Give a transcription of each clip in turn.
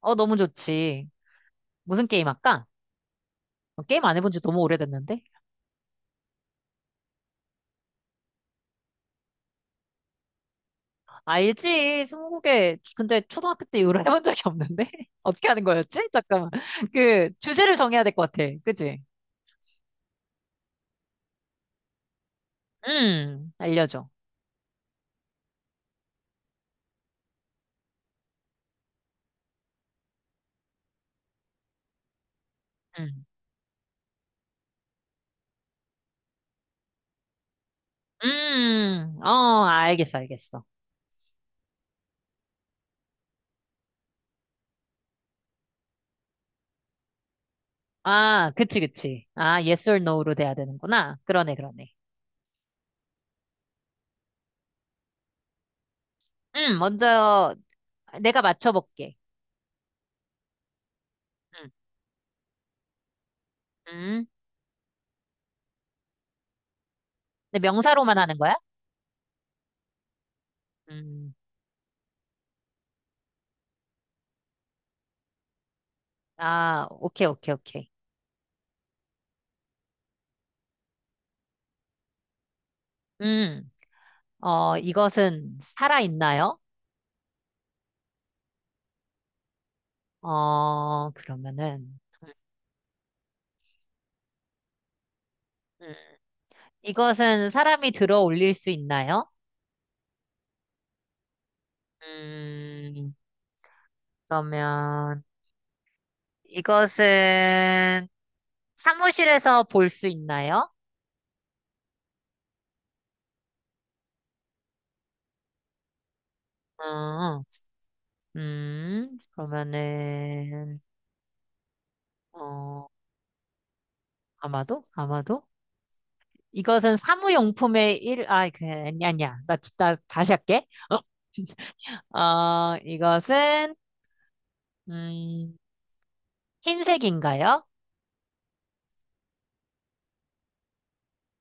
너무 좋지. 무슨 게임 할까? 게임 안 해본 지 너무 오래됐는데? 알지. 스무고개. 근데 초등학교 때 이후로 해본 적이 없는데? 어떻게 하는 거였지? 잠깐만. 주제를 정해야 될 것 같아. 그치? 알려줘. 음, 알겠어, 알겠어. 아, 그치, 그치. 아, yes or no로 돼야 되는구나. 그러네, 그러네. 먼저 내가 맞춰볼게. 음, 음. 근데 명사로만 하는 거야? 음, 오케이, 오케이, 오케이. 음. 이것은 살아있나요? 그러면은, 음, 이것은 사람이 들어 올릴 수 있나요? 음, 그러면, 이것은 사무실에서 볼 수 있나요? 음, 그러면은, 어, 아마도? 아마도? 이것은 사무용품의 일, 아, 그, 아니, 아니야. 나 다시 할게. 이것은, 음, 흰색인가요?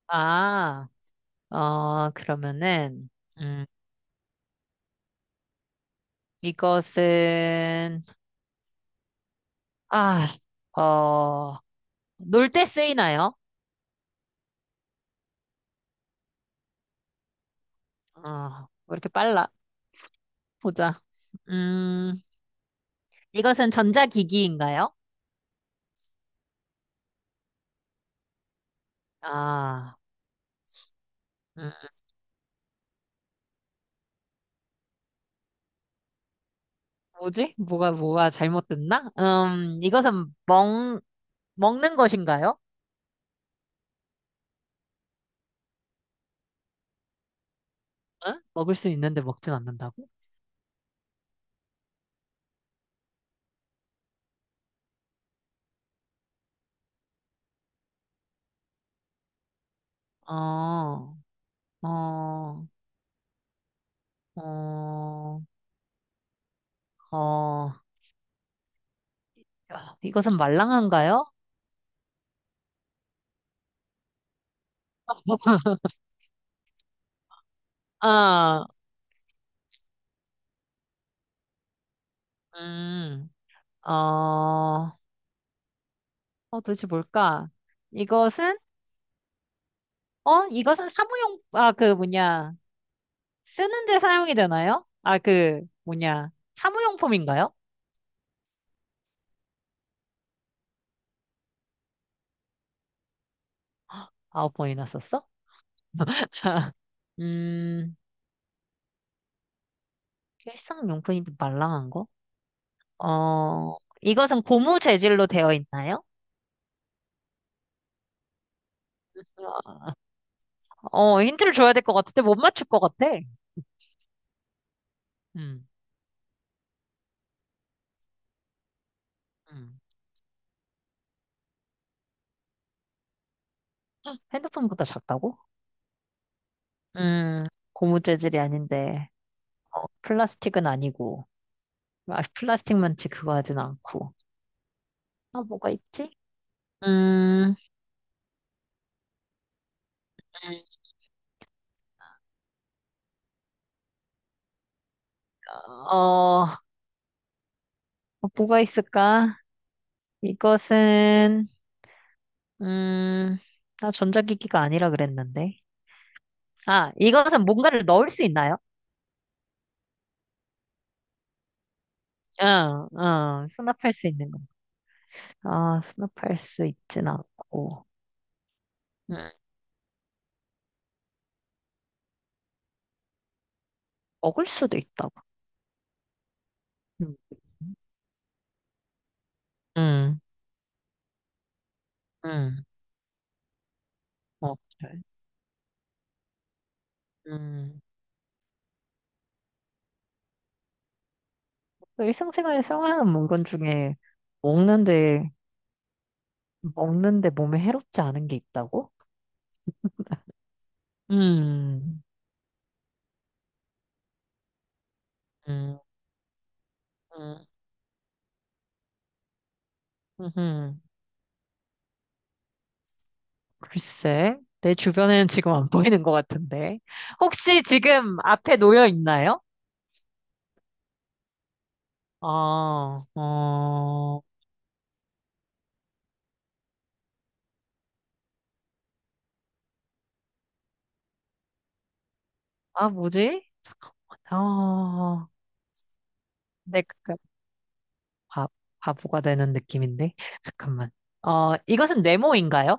아. 그러면은, 음, 이것은, 아, 어, 놀 때 쓰이나요? 어, 왜 이렇게 빨라? 보자. 음, 이것은 전자기기인가요? 아, 음, 뭐지? 뭐가 잘못됐나? 이것은 먹는 것인가요? 응? 먹을 수 있는데 먹진 않는다고? 어, 어, 어, 어, 야, 이것은 말랑한가요? 아, 음, 어, 어, 도대체 뭘까? 이것은, 이것은 사무용, 아, 그 뭐냐, 쓰는데 사용이 되나요? 사무용품인가요? 9번이나 썼어? 음, 일상용품인데 말랑한 거? 어, 이것은 고무 재질로 되어 있나요? 힌트를 줘야 될 것 같은데 못 맞출 것 같아. 음, 음. 핸드폰보다 작다고? 음, 고무 재질이 아닌데, 플라스틱은 아니고. 플라스틱 만치 그거 하진 않고. 뭐가 있지? 음, 어, 뭐가 있을까? 이것은, 음, 나 전자기기가 아니라 그랬는데. 이것은 뭔가를 넣을 수 있나요? 응, 응, 수납할 수 있는 것 같아. 수납할 수 있진 않고. 음, 먹을 수도 있다고. 음, 음, 음, 그래. 음. 일상생활에 사용하는 물건 중에 먹는데 먹는데 몸에 해롭지 않은 게 있다고? 음, 음, 음, 음. 글쎄, 내 주변에는 지금 안 보이는 것 같은데. 혹시 지금 앞에 놓여 있나요? 아, 어, 뭐지? 잠깐만, 내, 그, 바, 바보가 되는 느낌인데. 잠깐만. 이것은 네모인가요?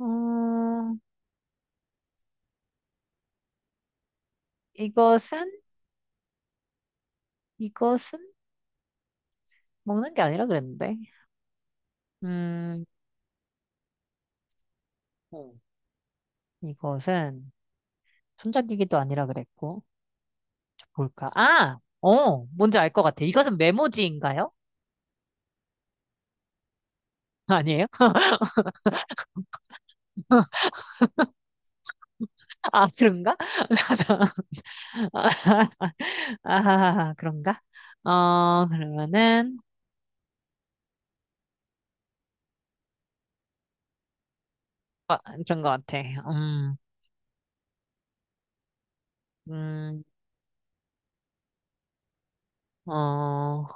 음, 이것은, 이것은 먹는 게 아니라 그랬는데. 음, 어, 이것은, 손잡이기도 아니라 그랬고. 저 볼까? 아! 뭔지 알 것 같아. 이것은 메모지인가요? 아니에요? 아, 그런가? 아, 아, 그런가? 그러면은, 아, 그런 것 같아. 음, 음, 어,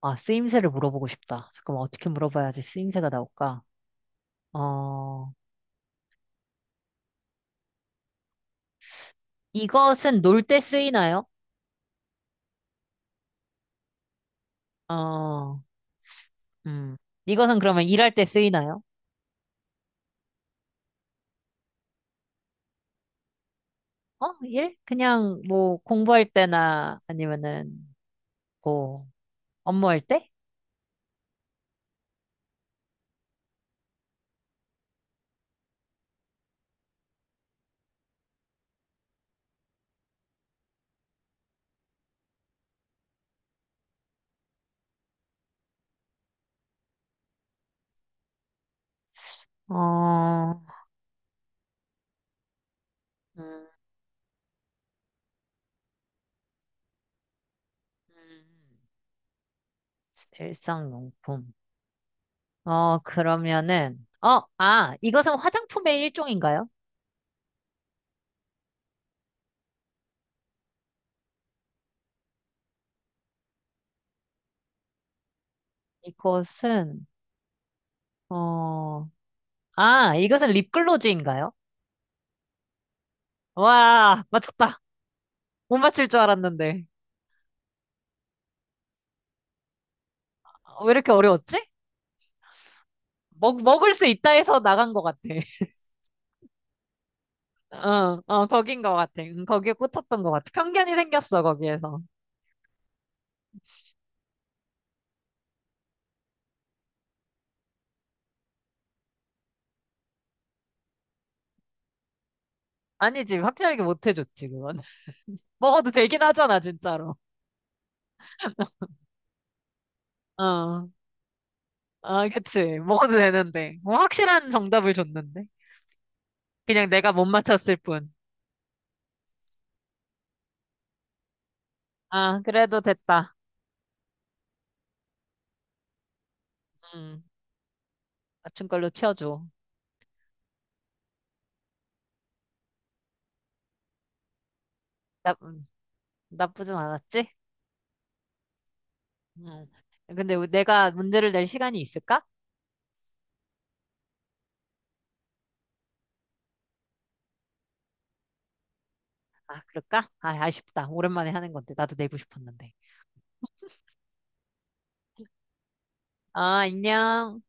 쓰임새를 물어보고 싶다. 잠깐만, 어떻게 물어봐야지 쓰임새가 나올까? 어, 이것은 놀 때 쓰이나요? 어, 음, 이것은 그러면 일할 때 쓰이나요? 일? 그냥 뭐 공부할 때나 아니면은 뭐 업무할 때? 어, 음, 음, 일상용품. 그러면은, 이것은 화장품의 일종인가요? 이것은, 어, 이것은 립글로즈인가요? 와, 맞췄다. 못 맞출 줄 알았는데. 왜 이렇게 어려웠지? 먹을 수 있다 해서 나간 것 같아. 거긴 것 같아. 응, 거기에 꽂혔던 것 같아. 편견이 생겼어, 거기에서. 아니지, 확실하게 못 해줬지, 그건. 먹어도 되긴 하잖아, 진짜로. 어, 그치. 먹어도 되는데. 뭐 확실한 정답을 줬는데. 그냥 내가 못 맞췄을 뿐. 그래도 됐다. 음, 맞춘 걸로 치워줘. 나, 음, 나쁘진 않았지? 음. 근데 내가 문제를 낼 시간이 있을까? 그럴까? 아쉽다. 오랜만에 하는 건데. 나도 내고 싶었는데. 안녕.